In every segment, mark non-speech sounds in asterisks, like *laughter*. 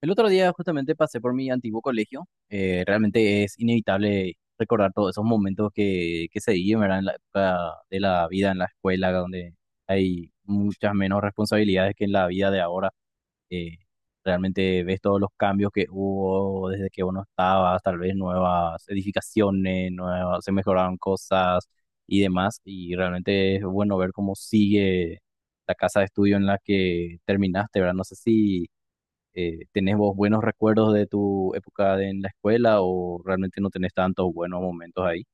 El otro día justamente pasé por mi antiguo colegio. Realmente es inevitable recordar todos esos momentos que se viven, ¿verdad? En la época de la vida en la escuela, donde hay muchas menos responsabilidades que en la vida de ahora. Eh, Realmente ves todos los cambios que hubo desde que uno estaba, tal vez nuevas edificaciones, nuevas, se mejoraron cosas y demás. Y realmente es bueno ver cómo sigue la casa de estudio en la que terminaste, ¿verdad? No sé si ¿tenés vos buenos recuerdos de tu época en la escuela o realmente no tenés tantos buenos momentos ahí?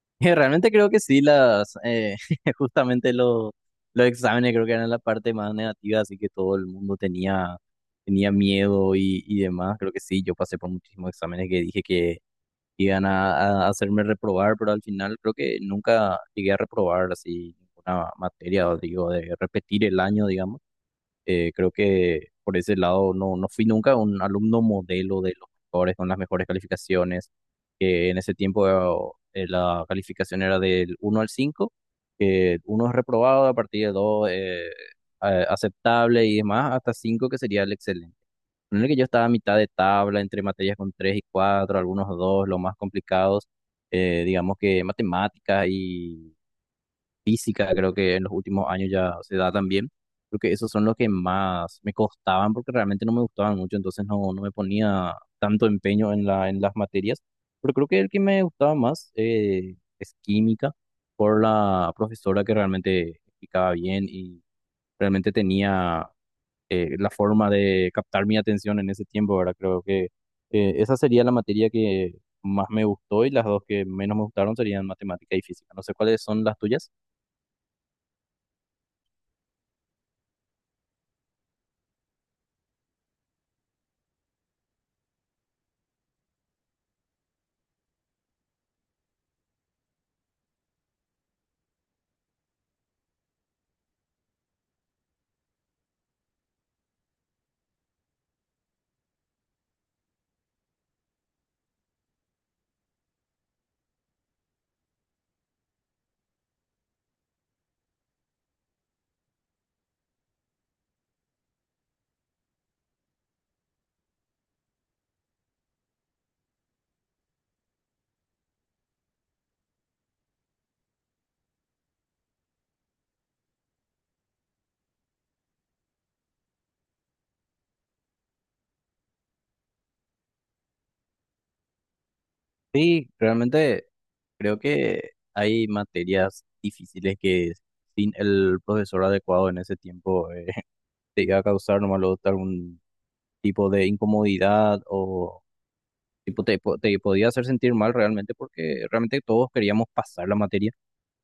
*laughs* Realmente creo que sí, *laughs* justamente los exámenes creo que eran la parte más negativa, así que todo el mundo tenía miedo y demás. Creo que sí, yo pasé por muchísimos exámenes que dije que iban a hacerme reprobar, pero al final creo que nunca llegué a reprobar así una materia, o digo, de repetir el año, digamos. Creo que por ese lado no fui nunca un alumno modelo de los mejores, con las mejores calificaciones, que en ese tiempo la calificación era del uno al cinco, que uno es reprobado, a partir de 2 aceptable y demás, hasta 5 que sería el excelente, en el que yo estaba a mitad de tabla entre materias con 3 y cuatro, algunos 2 los más complicados. Digamos que matemáticas, física, creo que en los últimos años ya se da también. Creo que esos son los que más me costaban porque realmente no me gustaban mucho, entonces no me ponía tanto empeño en en las materias. Pero creo que el que me gustaba más es química, por la profesora que realmente explicaba bien y realmente tenía la forma de captar mi atención en ese tiempo, ¿verdad? Creo que esa sería la materia que más me gustó, y las dos que menos me gustaron serían matemática y física. No sé cuáles son las tuyas. Sí, realmente creo que hay materias difíciles que sin el profesor adecuado en ese tiempo *laughs* te iba a causar nomás luego algún tipo de incomodidad o tipo te podía hacer sentir mal realmente porque realmente todos queríamos pasar la materia.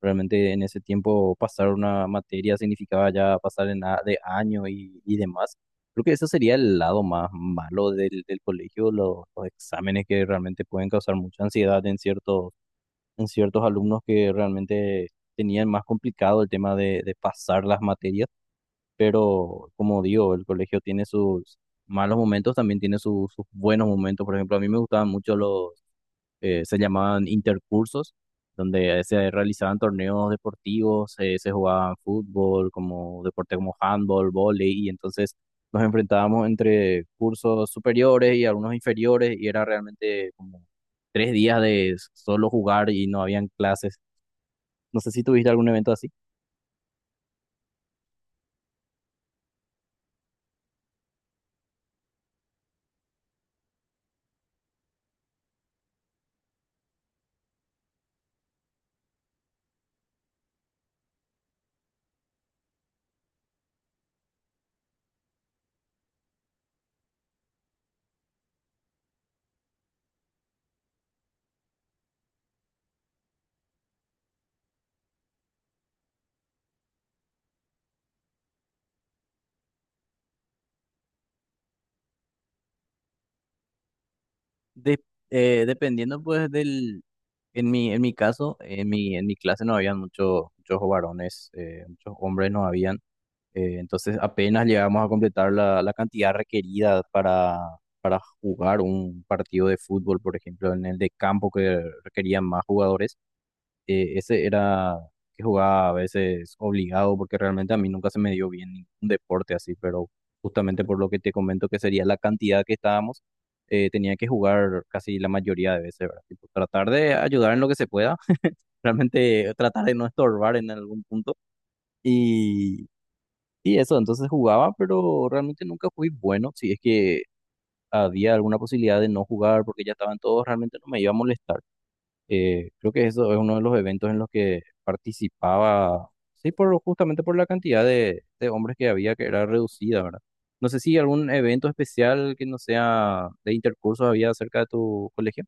Realmente en ese tiempo pasar una materia significaba ya pasar de año y demás. Creo que ese sería el lado más malo del colegio, los exámenes que realmente pueden causar mucha ansiedad en ciertos, en ciertos alumnos que realmente tenían más complicado el tema de pasar las materias, pero como digo, el colegio tiene sus malos momentos, también tiene sus buenos momentos. Por ejemplo, a mí me gustaban mucho los se llamaban intercursos, donde se realizaban torneos deportivos, se jugaban fútbol, como deporte, como handball, vóley, y entonces nos enfrentábamos entre cursos superiores y algunos inferiores, y era realmente como 3 días de solo jugar y no habían clases. No sé si tuviste algún evento así. De- Dependiendo pues en mi caso, en mi clase no habían muchos varones, muchos hombres no habían. Entonces apenas llegamos a completar la cantidad requerida para jugar un partido de fútbol, por ejemplo, en el de campo que requerían más jugadores. Ese era que jugaba a veces obligado porque realmente a mí nunca se me dio bien ningún deporte así, pero justamente por lo que te comento que sería la cantidad que estábamos, tenía que jugar casi la mayoría de veces, ¿verdad? Tipo, tratar de ayudar en lo que se pueda, *laughs* realmente tratar de no estorbar en algún punto. Y y eso, entonces jugaba, pero realmente nunca fui bueno. Si es que había alguna posibilidad de no jugar porque ya estaban todos, realmente no me iba a molestar. Creo que eso es uno de los eventos en los que participaba, sí, por, justamente por la cantidad de hombres que había, que era reducida, ¿verdad? No sé si algún evento especial que no sea de intercursos había cerca de tu colegio.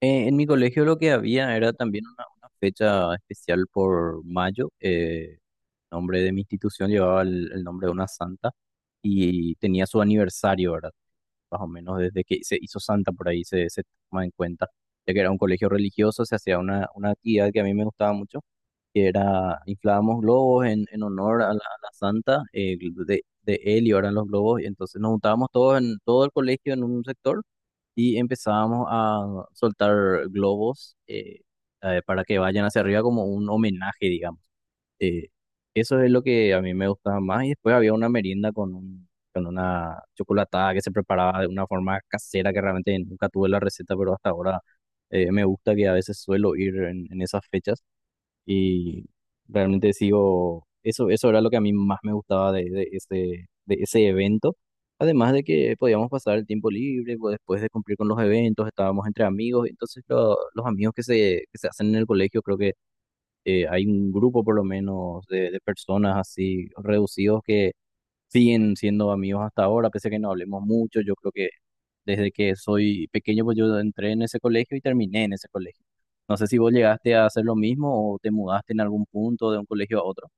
En mi colegio lo que había era también una fecha especial por mayo. Nombre de mi institución llevaba el nombre de una santa y tenía su aniversario, ¿verdad? Más o menos desde que se hizo santa por ahí se toma en cuenta, ya que era un colegio religioso, se hacía una actividad que a mí me gustaba mucho, que era inflábamos globos en honor a a la santa de él y ahora los globos, y entonces nos juntábamos todos en todo el colegio en un sector y empezábamos a soltar globos para que vayan hacia arriba como un homenaje, digamos. Eh, Eso es lo que a mí me gustaba más, y después había una merienda con una chocolatada que se preparaba de una forma casera que realmente nunca tuve la receta, pero hasta ahora me gusta que a veces suelo ir en esas fechas. Y realmente sigo, eso era lo que a mí más me gustaba de ese evento. Además de que podíamos pasar el tiempo libre, pues, después de cumplir con los eventos, estábamos entre amigos, entonces los amigos que que se hacen en el colegio, creo que hay un grupo por lo menos de personas así reducidos que siguen siendo amigos hasta ahora, pese a que no hablemos mucho, yo creo que desde que soy pequeño, pues yo entré en ese colegio y terminé en ese colegio. No sé si vos llegaste a hacer lo mismo o te mudaste en algún punto de un colegio a otro.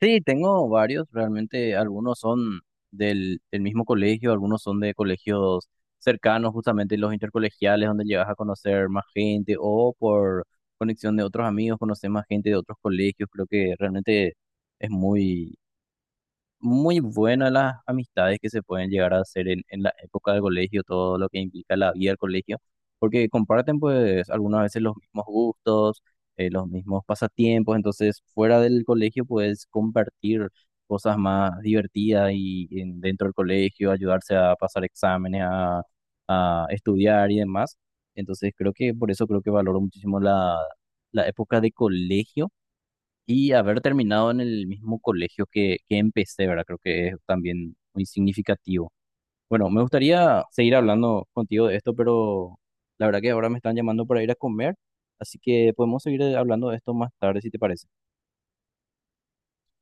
Sí, tengo varios, realmente algunos son del mismo colegio, algunos son de colegios cercanos, justamente los intercolegiales, donde llegas a conocer más gente o por conexión de otros amigos, conocer más gente de otros colegios. Creo que realmente es muy buenas las amistades que se pueden llegar a hacer en la época del colegio, todo lo que implica la vida del colegio, porque comparten pues algunas veces los mismos gustos, los mismos pasatiempos, entonces fuera del colegio puedes compartir cosas más divertidas y, dentro del colegio, ayudarse a pasar exámenes, a estudiar y demás. Entonces creo que por eso creo que valoro muchísimo la época de colegio y haber terminado en el mismo colegio que empecé, ¿verdad? Creo que es también muy significativo. Bueno, me gustaría seguir hablando contigo de esto, pero la verdad que ahora me están llamando para ir a comer, así que podemos seguir hablando de esto más tarde, si te parece.